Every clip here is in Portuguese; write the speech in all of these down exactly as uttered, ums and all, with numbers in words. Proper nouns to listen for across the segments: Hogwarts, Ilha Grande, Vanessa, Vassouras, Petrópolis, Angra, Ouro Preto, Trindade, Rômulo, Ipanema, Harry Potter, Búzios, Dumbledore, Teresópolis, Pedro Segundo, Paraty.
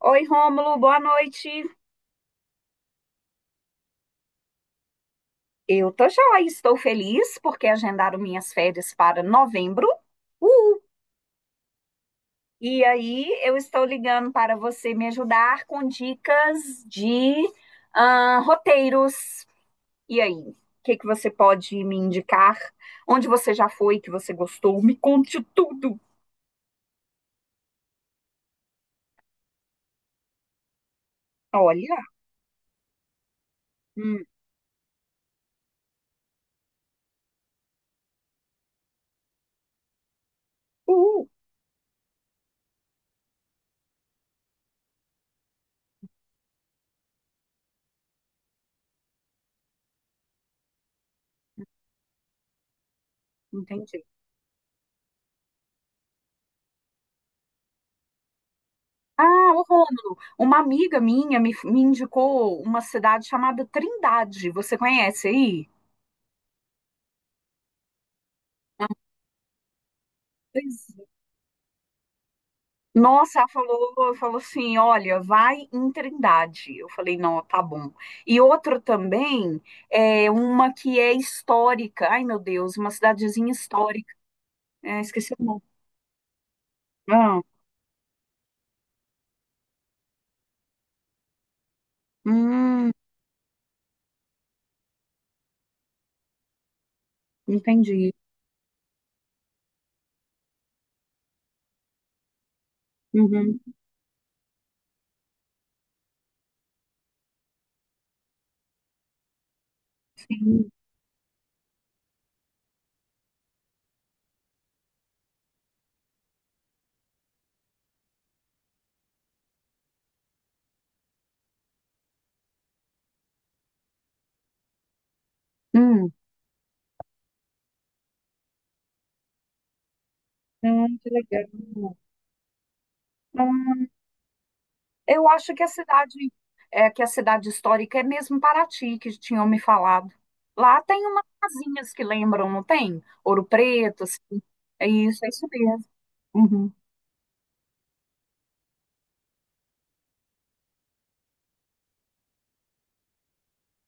Oi, Rômulo, boa noite. Eu tô joia, estou feliz porque agendaram minhas férias para novembro. Uhul. E aí, eu estou ligando para você me ajudar com dicas de ah, roteiros. E aí, o que que você pode me indicar? Onde você já foi que você gostou? Me conte tudo. Olha. Hum. Uhul. Entendi. Ah, ô Rômulo, uma amiga minha me, me indicou uma cidade chamada Trindade. Você conhece aí? Pois- é. Nossa, ela falou, falou assim, olha, vai em Trindade. Eu falei, não, tá bom. E outra também, é uma que é histórica. Ai, meu Deus, uma cidadezinha histórica. É, esqueci o nome. Ah. Hum. Entendi. Uhum. Sim. Hum. Ah, que legal. Eu acho que a cidade, é que a cidade histórica é mesmo Paraty, que tinham me falado. Lá tem umas casinhas que lembram, não tem? Ouro Preto, assim. É isso, é isso mesmo. Uhum.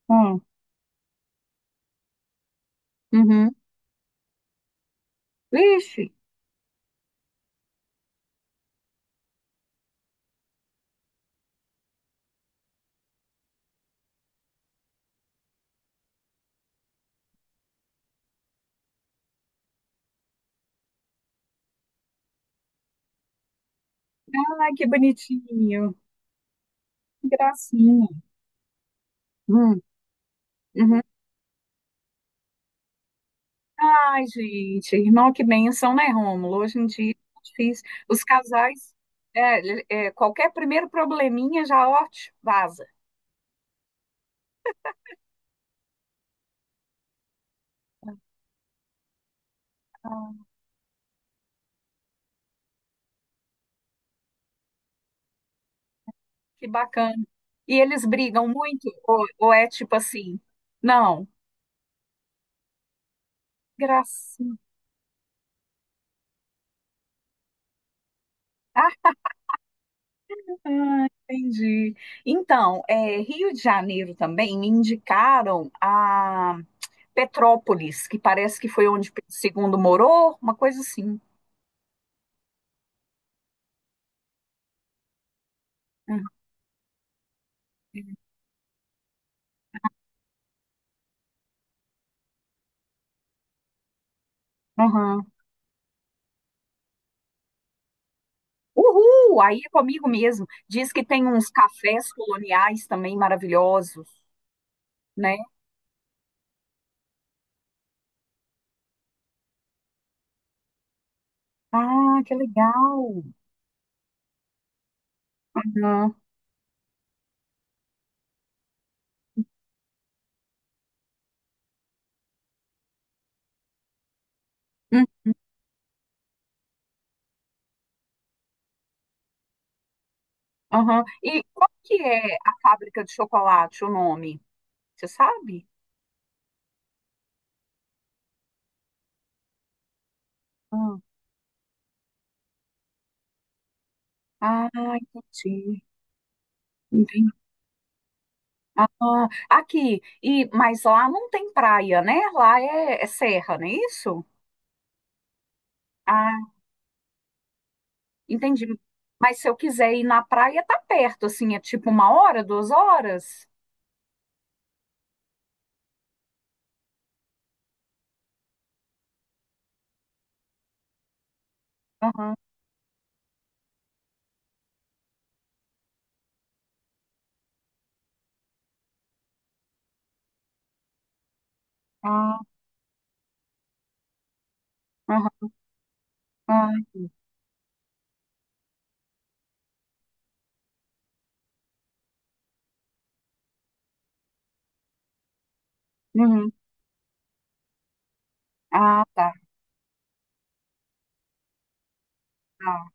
Hum. Uhum. Vixe, ai, que bonitinho, que gracinha. Hum. Uhum. Ai, gente, irmão, que bênção, né, Rômulo? Hoje em dia é difícil. Os casais, é, é, qualquer primeiro probleminha já, ó, tch, vaza. Que bacana. E eles brigam muito? Ou, ou é tipo assim? Não. Gracinha. Ah, entendi. Então, é, Rio de Janeiro também me indicaram a Petrópolis, que parece que foi onde Pedro segundo morou, uma coisa assim. Uhum. Uhum. Uhul! Aí é comigo mesmo. Diz que tem uns cafés coloniais também maravilhosos, né? Ah, que legal! Uhum. Aham. E qual que é a fábrica de chocolate, o nome? Você sabe? Hum. Ah, entendi. Entendi. Ah, aqui. E, mas lá não tem praia, né? Lá é, é serra, não é isso? Ah, entendi. Mas se eu quiser ir na praia, tá perto, assim, é tipo uma hora, duas horas? Aham. Ah, aham. Ah, uhum. Ah, tá. Tá.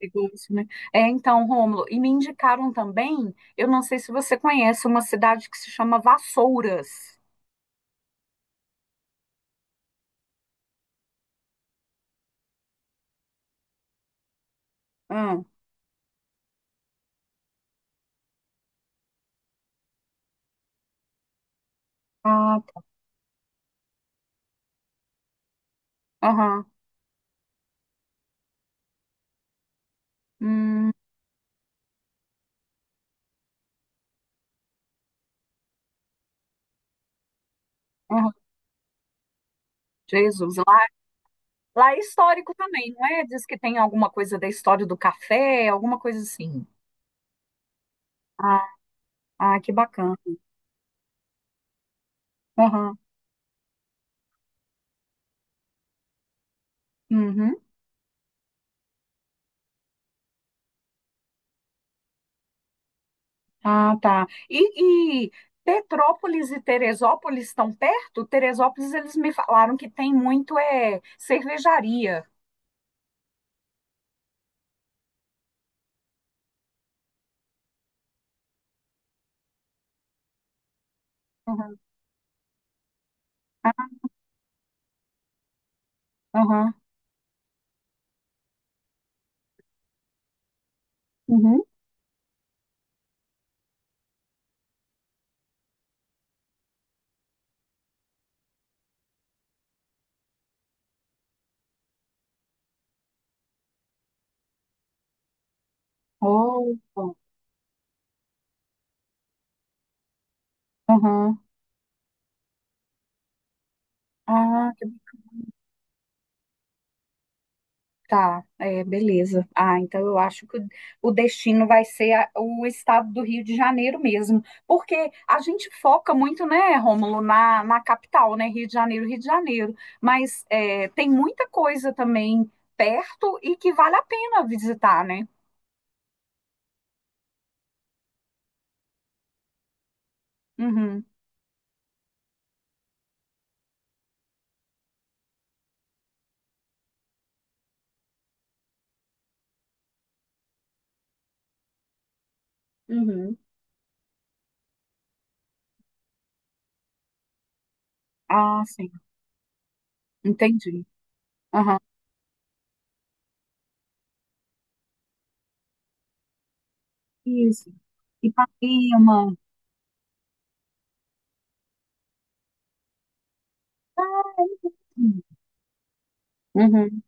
Perigoso, né? É, então, Rômulo, e me indicaram também, eu não sei se você conhece, uma cidade que se chama Vassouras. Ah. Ah, tá. Aham. Hum, aham. Jesus, lá, lá é histórico também, não é? Diz que tem alguma coisa da história do café, alguma coisa assim. Ah, ah, que bacana. Aham. Uhum. Ah, tá. E, e Petrópolis e Teresópolis estão perto? Teresópolis, eles me falaram que tem muito é cervejaria. Aham, aham. Uhum. Oh, aham. Ah, que- tá. É, beleza. Ah, então eu acho que o o destino vai ser a- o estado do Rio de Janeiro mesmo. Porque a gente foca muito, né, Rômulo, na, na capital, né? Rio de Janeiro, Rio de Janeiro. Mas é, tem muita coisa também perto e que vale a pena visitar, né? Uhum, uhum. Ah, sim. Entendi. Aham. Isso. Ipanema. Uhum.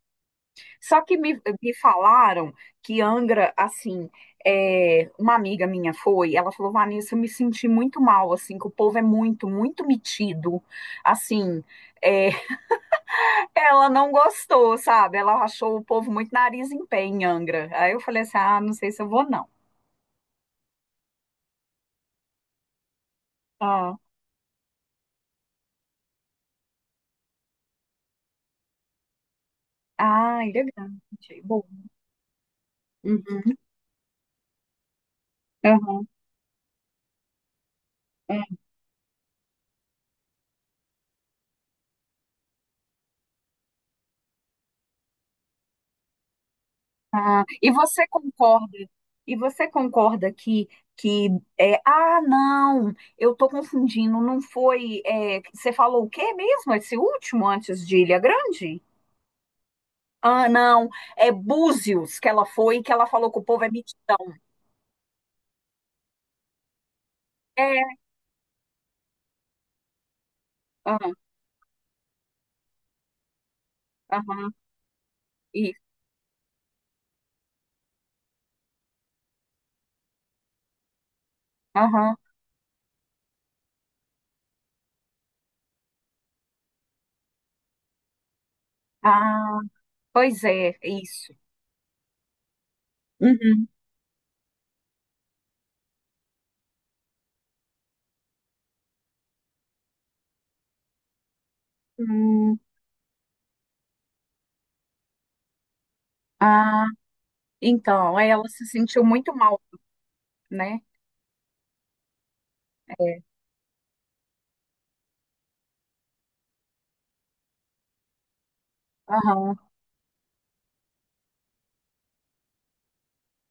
Só que me, me falaram que Angra, assim, é, uma amiga minha foi, ela falou, Vanessa, eu me senti muito mal, assim, que o povo é muito, muito metido, assim, é, ela não gostou, sabe? Ela achou o povo muito nariz em pé em Angra. Aí eu falei assim, ah, não sei se eu vou, não. Ah, ah, legal, gente, bom. Uhum. Aham. Ah, e você concorda? E você concorda que que é, ah, não, eu tô confundindo, não foi, é, você falou o quê mesmo, esse último antes de Ilha Grande? Ah, não, é Búzios que ela foi, que ela falou que o povo é mitidão. É, aham, aham, isso, aham. Ah, pois é, é isso. Uhum. Hum. Ah, então, ela se sentiu muito mal, né? É, aham,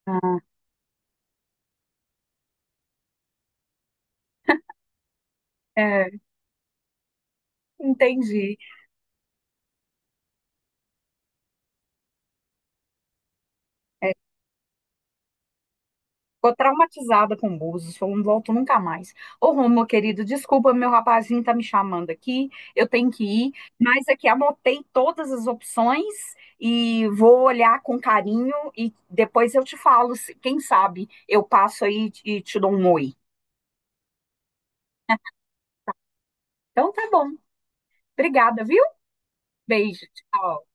ah, é, entendi. Ficou traumatizada com Búzios, falou, não volto nunca mais. Ô, Rômulo, querido, desculpa, meu rapazinho tá me chamando aqui, eu tenho que ir, mas aqui anotei todas as opções e vou olhar com carinho e depois eu te falo, se- quem sabe eu passo aí e te dou um oi. Então tá bom, obrigada, viu? Beijo, tchau.